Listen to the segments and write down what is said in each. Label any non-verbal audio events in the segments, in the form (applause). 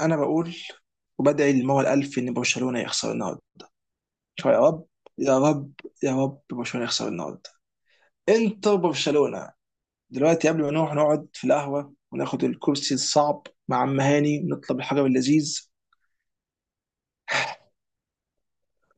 انا بقول وبدعي للمولى الالف ان برشلونه يخسر النهارده. شو يا رب، يا رب، يا رب برشلونه يخسر النهارده. انتر برشلونه دلوقتي قبل ما نروح نقعد في القهوه وناخد الكرسي الصعب مع عم هاني ونطلب الحجر اللذيذ.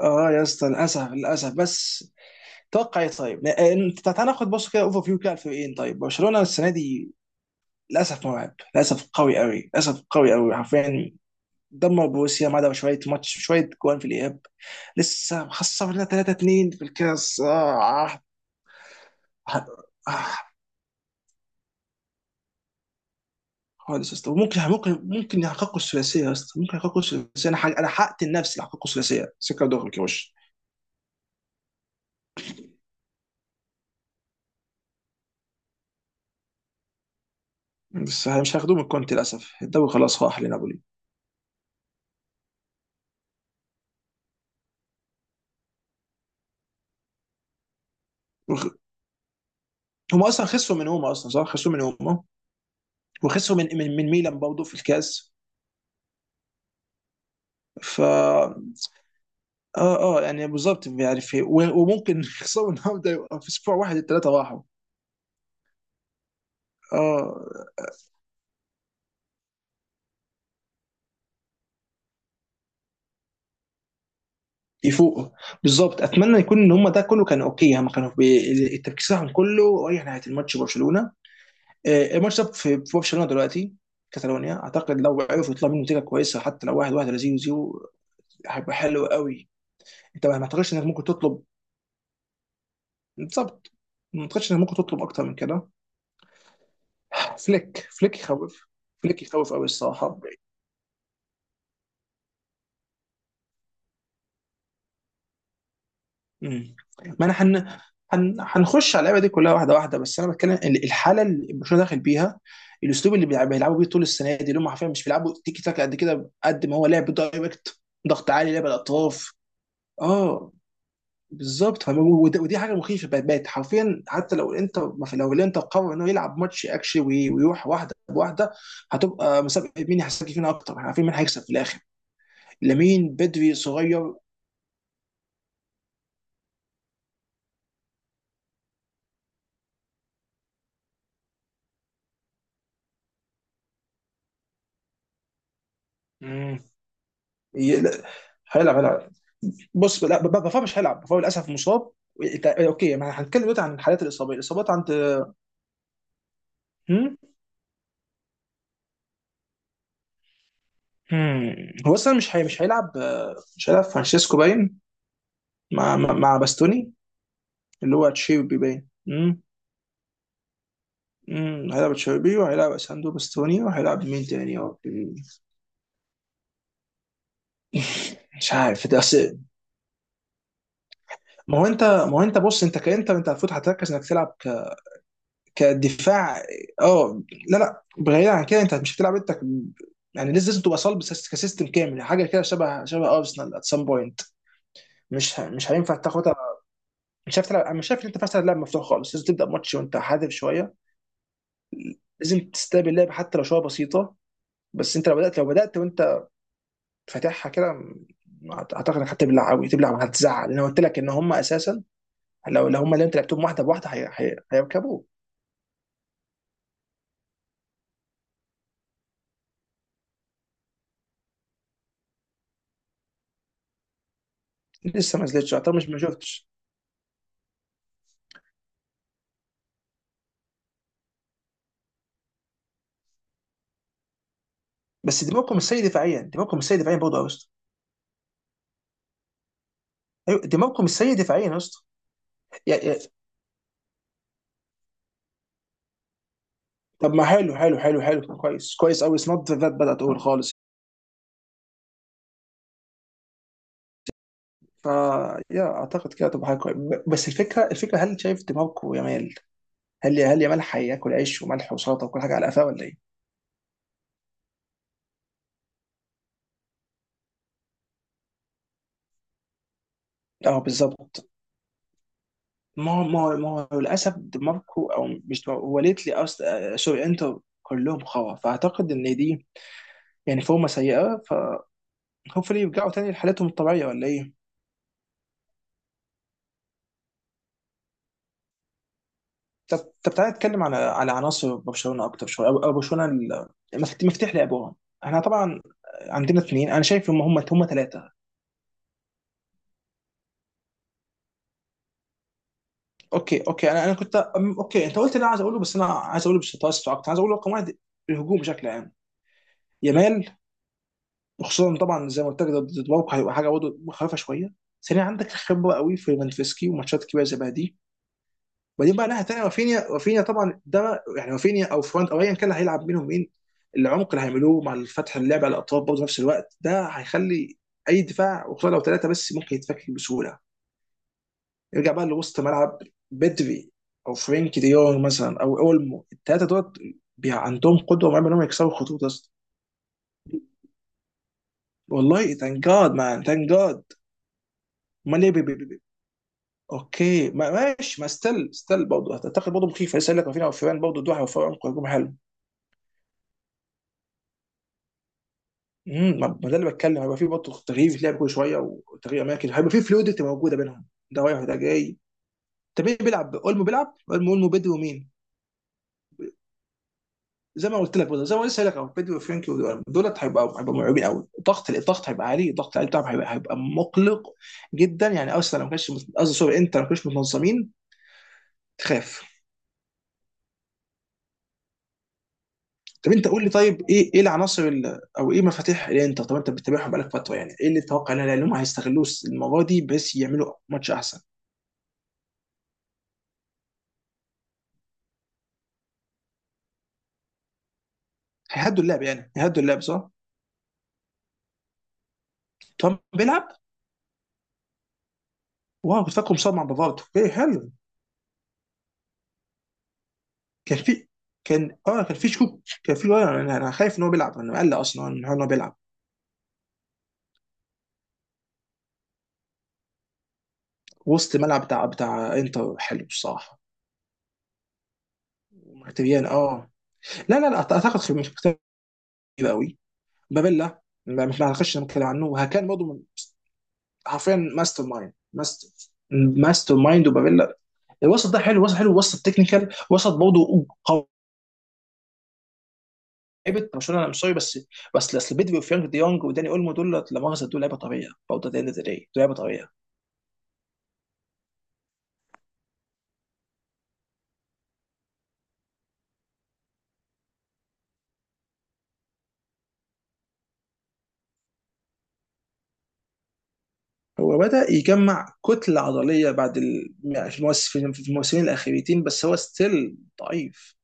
اه يا اسطى، للاسف للاسف بس. توقع ايه طيب؟ انت تعال ناخد بص كده اوفر فيو كده على الفريقين. طيب برشلونه السنه دي للاسف مرعب، للاسف قوي قوي، للاسف قوي قوي، حرفيا دمر بروسيا ما عدا شويه ماتش شويه جوان في الاياب. لسه خسرنا 3 2 في الكاس. آه آه خالص يا اسطى، ممكن ممكن يحققوا الثلاثيه يا اسطى، ممكن يحققوا الثلاثيه. انا انا حققت النفس اللي يحققوا الثلاثيه سكه دغري كوش. بس مش هياخدوه من كونتي للاسف، الدوري خلاص راح لنابولي. وخ- هم اصلا خسروا من هما، اصلا صح خسروا من هما وخسروا من ميلان برضه في الكاس. ف اه يعني بالظبط، يعني في وممكن (laughs) يخسروا النهارده يبقى في اسبوع واحد الثلاثه راحوا. اه. يفوقوا بالظبط، اتمنى يكون ان هم ده كله كان اوكي، يعني هم كانوا التركيز بتاعهم كله رايح ناحيه الماتش برشلونه. الماتش ده في برشلونه دلوقتي، كاتالونيا اعتقد. لو عرفوا يطلعوا منه نتيجه كويسه حتى لو واحد واحد ولا زيرو زيرو هيبقى حلو قوي. انت ما اعتقدش انك ممكن تطلب، بالظبط، ما اعتقدش انك ممكن تطلب اكتر من كده. فليك يخوف، فليك يخوف قوي الصراحه. مم. ما انا هنخش على اللعبه دي كلها واحده واحده، بس انا بتكلم الحاله اللي برشلونه داخل بيها، الاسلوب اللي بيلعبوا بيه طول السنه دي، اللي هم حرفيا مش بيلعبوا تيكي تاك قد كده، قد ما هو لعب دايركت، ضغط عالي، لعب الاطراف. اه بالظبط، ودي حاجه مخيفه بقت حرفيا. حتى لو انت ما في- لو الانتر قرر انه يلعب ماتش اكشلي ويروح واحده بواحده، هتبقى مسابقه مين هيحسك فينا اكتر، احنا عارفين مين هيكسب في الاخر. لامين بدري صغير. مم. لا، هيلعب هيلعب. بص لا، بافا مش هيلعب، بافا للاسف مصاب. اوكي ما هنتكلم دلوقتي عن الحالات الاصابيه الاصابات عند. هم؟ هم. هو اصلا مش هيلعب، مش هيلعب فرانشيسكو باين مع مع باستوني. اللي هو تشيربي باين هم؟ هم. هيلعب تشيربي وهيلعب اساندو باستوني وهيلعب مين تاني يا ربي؟ (laughs) مش عارف ده ما هو انت، ما هو انت بص، انت كانت انت المفروض هتركز انك تلعب كدفاع. اه لا لا، بعيد عن كده، انت مش هتلعب انت يعني لازم تبقى صلب سيس- كسيستم كامل، حاجه كده شبه شبه ارسنال ات سام بوينت. مش هينفع تاخدها. مش عارف تلعب، أنا مش شايف ان انت فاهم تلعب لعب مفتوح خالص، لازم تبدا ماتش وانت حادف شويه، لازم تستقبل اللعب حتى لو شويه بسيطه. بس انت لو بدات، لو بدات وانت فاتحها كده اعتقد انك هتبلع قوي تبلع وهتزعل. انا قلت لك ان هم اساسا، لو لو هم اللي انت لعبتهم واحده بواحده هيركبوه. لسه ما نزلتش اعتقد، مش ما شفتش. بس دماغكم مش سيء دفاعيا، دماغكم مش سيء دفاعيا برضه يا اسطى. ايوه دماغكم مش سيء دفاعيا يا اسطى. يا- يا- طب ما حلو حلو كويس كويس قوي، اتس نوت ذات باد اول خالص. فا يا اعتقد كده تبقى حاجه كويسه، بس الفكره، الفكره هل شايف دماغكم يا مال؟ هل يا مال هياكل عيش وملح وسلطه وكل حاجه على قفاه ولا ايه؟ اه بالظبط، ما هو ما هو للاسف دماغكم او مش دماغكو، هو ليت لي اصلا، سوري انتوا كلهم خوا، فاعتقد ان دي يعني فورمه سيئه، فهوبفلي يرجعوا تاني لحالتهم الطبيعيه ولا ايه؟ طب طب تعالى نتكلم على على عناصر برشلونه اكتر شويه، او أو برشلونه مفتاح لعبهم. احنا طبعا عندنا اثنين، انا شايف هم ثلاثه. اوكي اوكي، انا انا كنت اوكي، انت قلت اللي انا عايز اقوله، بس انا عايز اقوله بشطاره اكتر. عايز اقوله رقم واحد، الهجوم بشكل عام، يامال. خصوصا طبعا زي ما قلت لك، ضد ضد بارك هيبقى حاجه برضه مخيفه شويه. ثانيا، عندك خبره قوي في منفسكي وماتشات كبيره زي بقى دي. وبعدين بقى ناحيه ثانيه، رافينيا. رافينيا طبعا ده يعني رافينيا او فرونت او ايا كان اللي هيلعب منهم مين، العمق اللي هيعملوه مع الفتح، اللعب على الاطراف برضه في نفس الوقت، ده هيخلي اي دفاع وخصوصا لو ثلاثه بس ممكن يتفك بسهوله. يرجع بقى لوسط ملعب، بدري او فرينكي دي يونغ مثلا او اولمو، الثلاثه دول عندهم قدوه مرعبه انهم يكسروا خطوط اصلا. والله ثانك جاد مان، ثانك جاد. امال ليه اوكي ما ماشي، ما ستيل ستيل برضه اعتقد برضه مخيف، لسه قايل لك رافينيا وفيران، برضه دول هيوفروا عمق هجوم حلو. ما ده اللي بتكلم، هيبقى في برضه تغيير بيتلعب كل شويه، وتغيير اماكن، هيبقى في فلويدتي موجوده بينهم، ده رايح وده جاي. طب مين بيلعب اولمو؟ بيلعب اولمو، اولمو بدري ومين؟ زي ما قلت لك برضه، زي ما لسه قايل لك اهو، بدري وفرانكي ودول دولت هيبقوا مرعوبين قوي. الضغط، الضغط هيبقى عالي، الضغط العالي بتاعهم هيبقى مقلق جدا. يعني ارسنال لو ما كانش مت- قصدي سوري، انت لو ما كانوش متنظمين تخاف. طب انت قول لي طيب ايه، ايه العناصر او ايه مفاتيح الانتر؟ طب انت بتتابعهم بقالك فتره، يعني ايه اللي تتوقع ان هم هيستغلوه المره دي بس يعملوا ماتش احسن؟ هيهدوا اللعب، يعني هيهدوا اللعب صح؟ ترامب بيلعب؟ واو، كنت فاكره مصاب مع بافارد، ايه حلو. كان في كان اه كان في شكوك، كان في انا أنا خايف ان هو بيلعب، انا مقلق اصلا من حوار ان هو بيلعب. وسط ملعب بتاع بتاع انتر حلو الصراحه. مختبيان اه، لا لا لا اعتقد مش مختبيان قوي. بابيلا ما ما هنخش نتكلم عنه، وهكان برضه حرفيا ماستر مايند. ماستر، ماستر مايند وبابيلا، الوسط ده حلو، وسط حلو، وسط تكنيكال، وسط برضه لعيبه برشلونه انا مش سوري بس، بس اصل بيدري وفرانك دي يونج وداني اولمو دول لا مؤاخذه دول لعيبه طبيعيه برضه، دي دول لعيبه طبيعيه. هو بدا يجمع كتله عضليه بعد في في الموسمين الاخيرتين، بس هو ستيل ضعيف.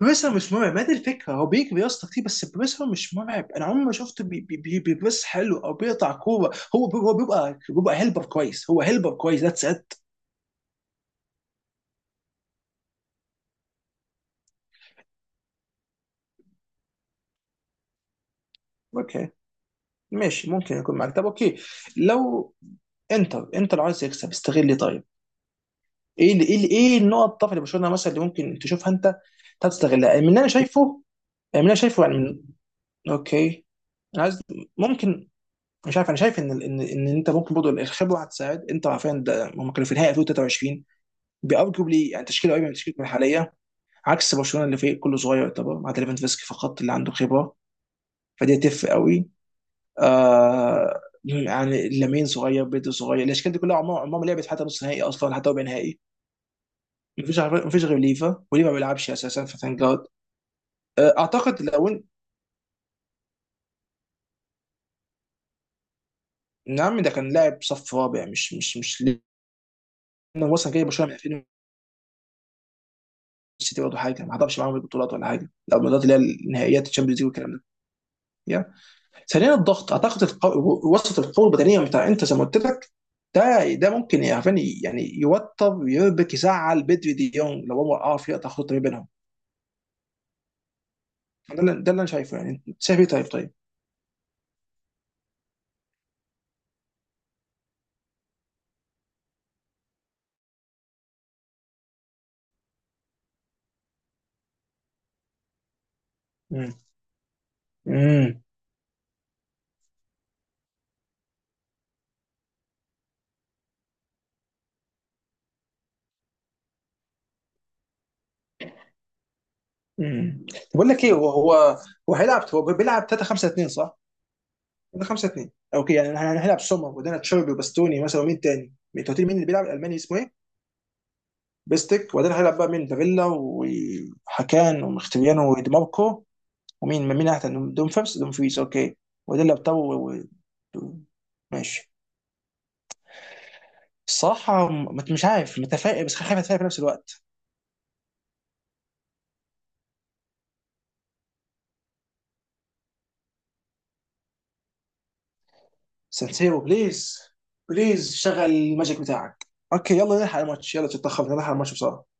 بروسر مش مرعب، ما دي الفكره، هو بيجري يا اسطى كتير، بس بروسر مش مرعب، انا عمري ما شفته بيبص حلو او بيقطع كوره، هو هو بيبقى بيبقى هيلبر كويس، هو هيلبر كويس، ذاتس ات. اوكي ماشي، ممكن يكون معاك. طب اوكي، لو انتر، انتر عايز يكسب استغل لي طيب، ايه اللي ايه اللي ايه النقط الضعف اللي برشلونه مثلا اللي ممكن تشوفها انت تستغلها؟ يعني من اللي انا شايفه، يعني من اللي انا شايفه يعني من اوكي، انا عايز ممكن، مش عارف، انا شايف ان ان انت ممكن برضه الخبره هتساعد، انت عارفين ده هم كانوا في النهائي 2023، بارجوبلي يعني تشكيله قريبه من تشكيلتنا الحاليه، عكس برشلونه اللي فريق كله صغير يعتبر مع ليفاندوفسكي فقط اللي عنده خبره، فدي هتفرق قوي. آه يعني لامين صغير، بيدري صغير، الاشكال دي كلها عمرها ما لعبت حتى نص نهائي اصلا، حتى ربع نهائي. مفيش عارف مفيش غير ليفا، وليفا ما بيلعبش اساسا، فتانك جارد. اعتقد لو نعم، ده كان لاعب صف رابع، مش مش لانه مثلا جاي برشلونه من 2000، السيتي برضه حاجه ما حضرش معاهم البطولات ولا حاجه، لو البطولات اللي هي النهائيات الشامبيونز ليج والكلام ده. يا ثانيا الضغط، اعتقد وسط، القوه البدنيه بتاع انت زي ما قلت لك، ده ده ممكن يعني يعني يوتر يربك يزعل بدري دي يونج، لو هو عارف يقطع خط ما بينهم. ده اللي ده اللي انا شايفه، يعني انت شايف ايه طيب طيب؟ امم امم بقول لك ايه، هو هو هيلعب، هو بيلعب 3 5 2 صح؟ 3 5 2 اوكي، يعني احنا هنلعب سومر وبعدين تشيربي وباستوني مثلا ومين تاني؟ انت قلت لي مين اللي بيلعب الالماني اسمه ايه؟ بيستك، وبعدين هيلعب بقى مين، بافيلا وحكان ومختبيانو وديماركو. ومين مين احسن دوم فيرس دوم فريز؟ اوكي. وبعدين لابتو و- ماشي. الصراحة مش عارف، متفائل بس خايف اتفائل في نفس الوقت. سانسيرو بليز، بليز شغل الماجيك بتاعك. اوكي يلا نلحق الماتش، يلا تتأخر نلحق الماتش بسرعة.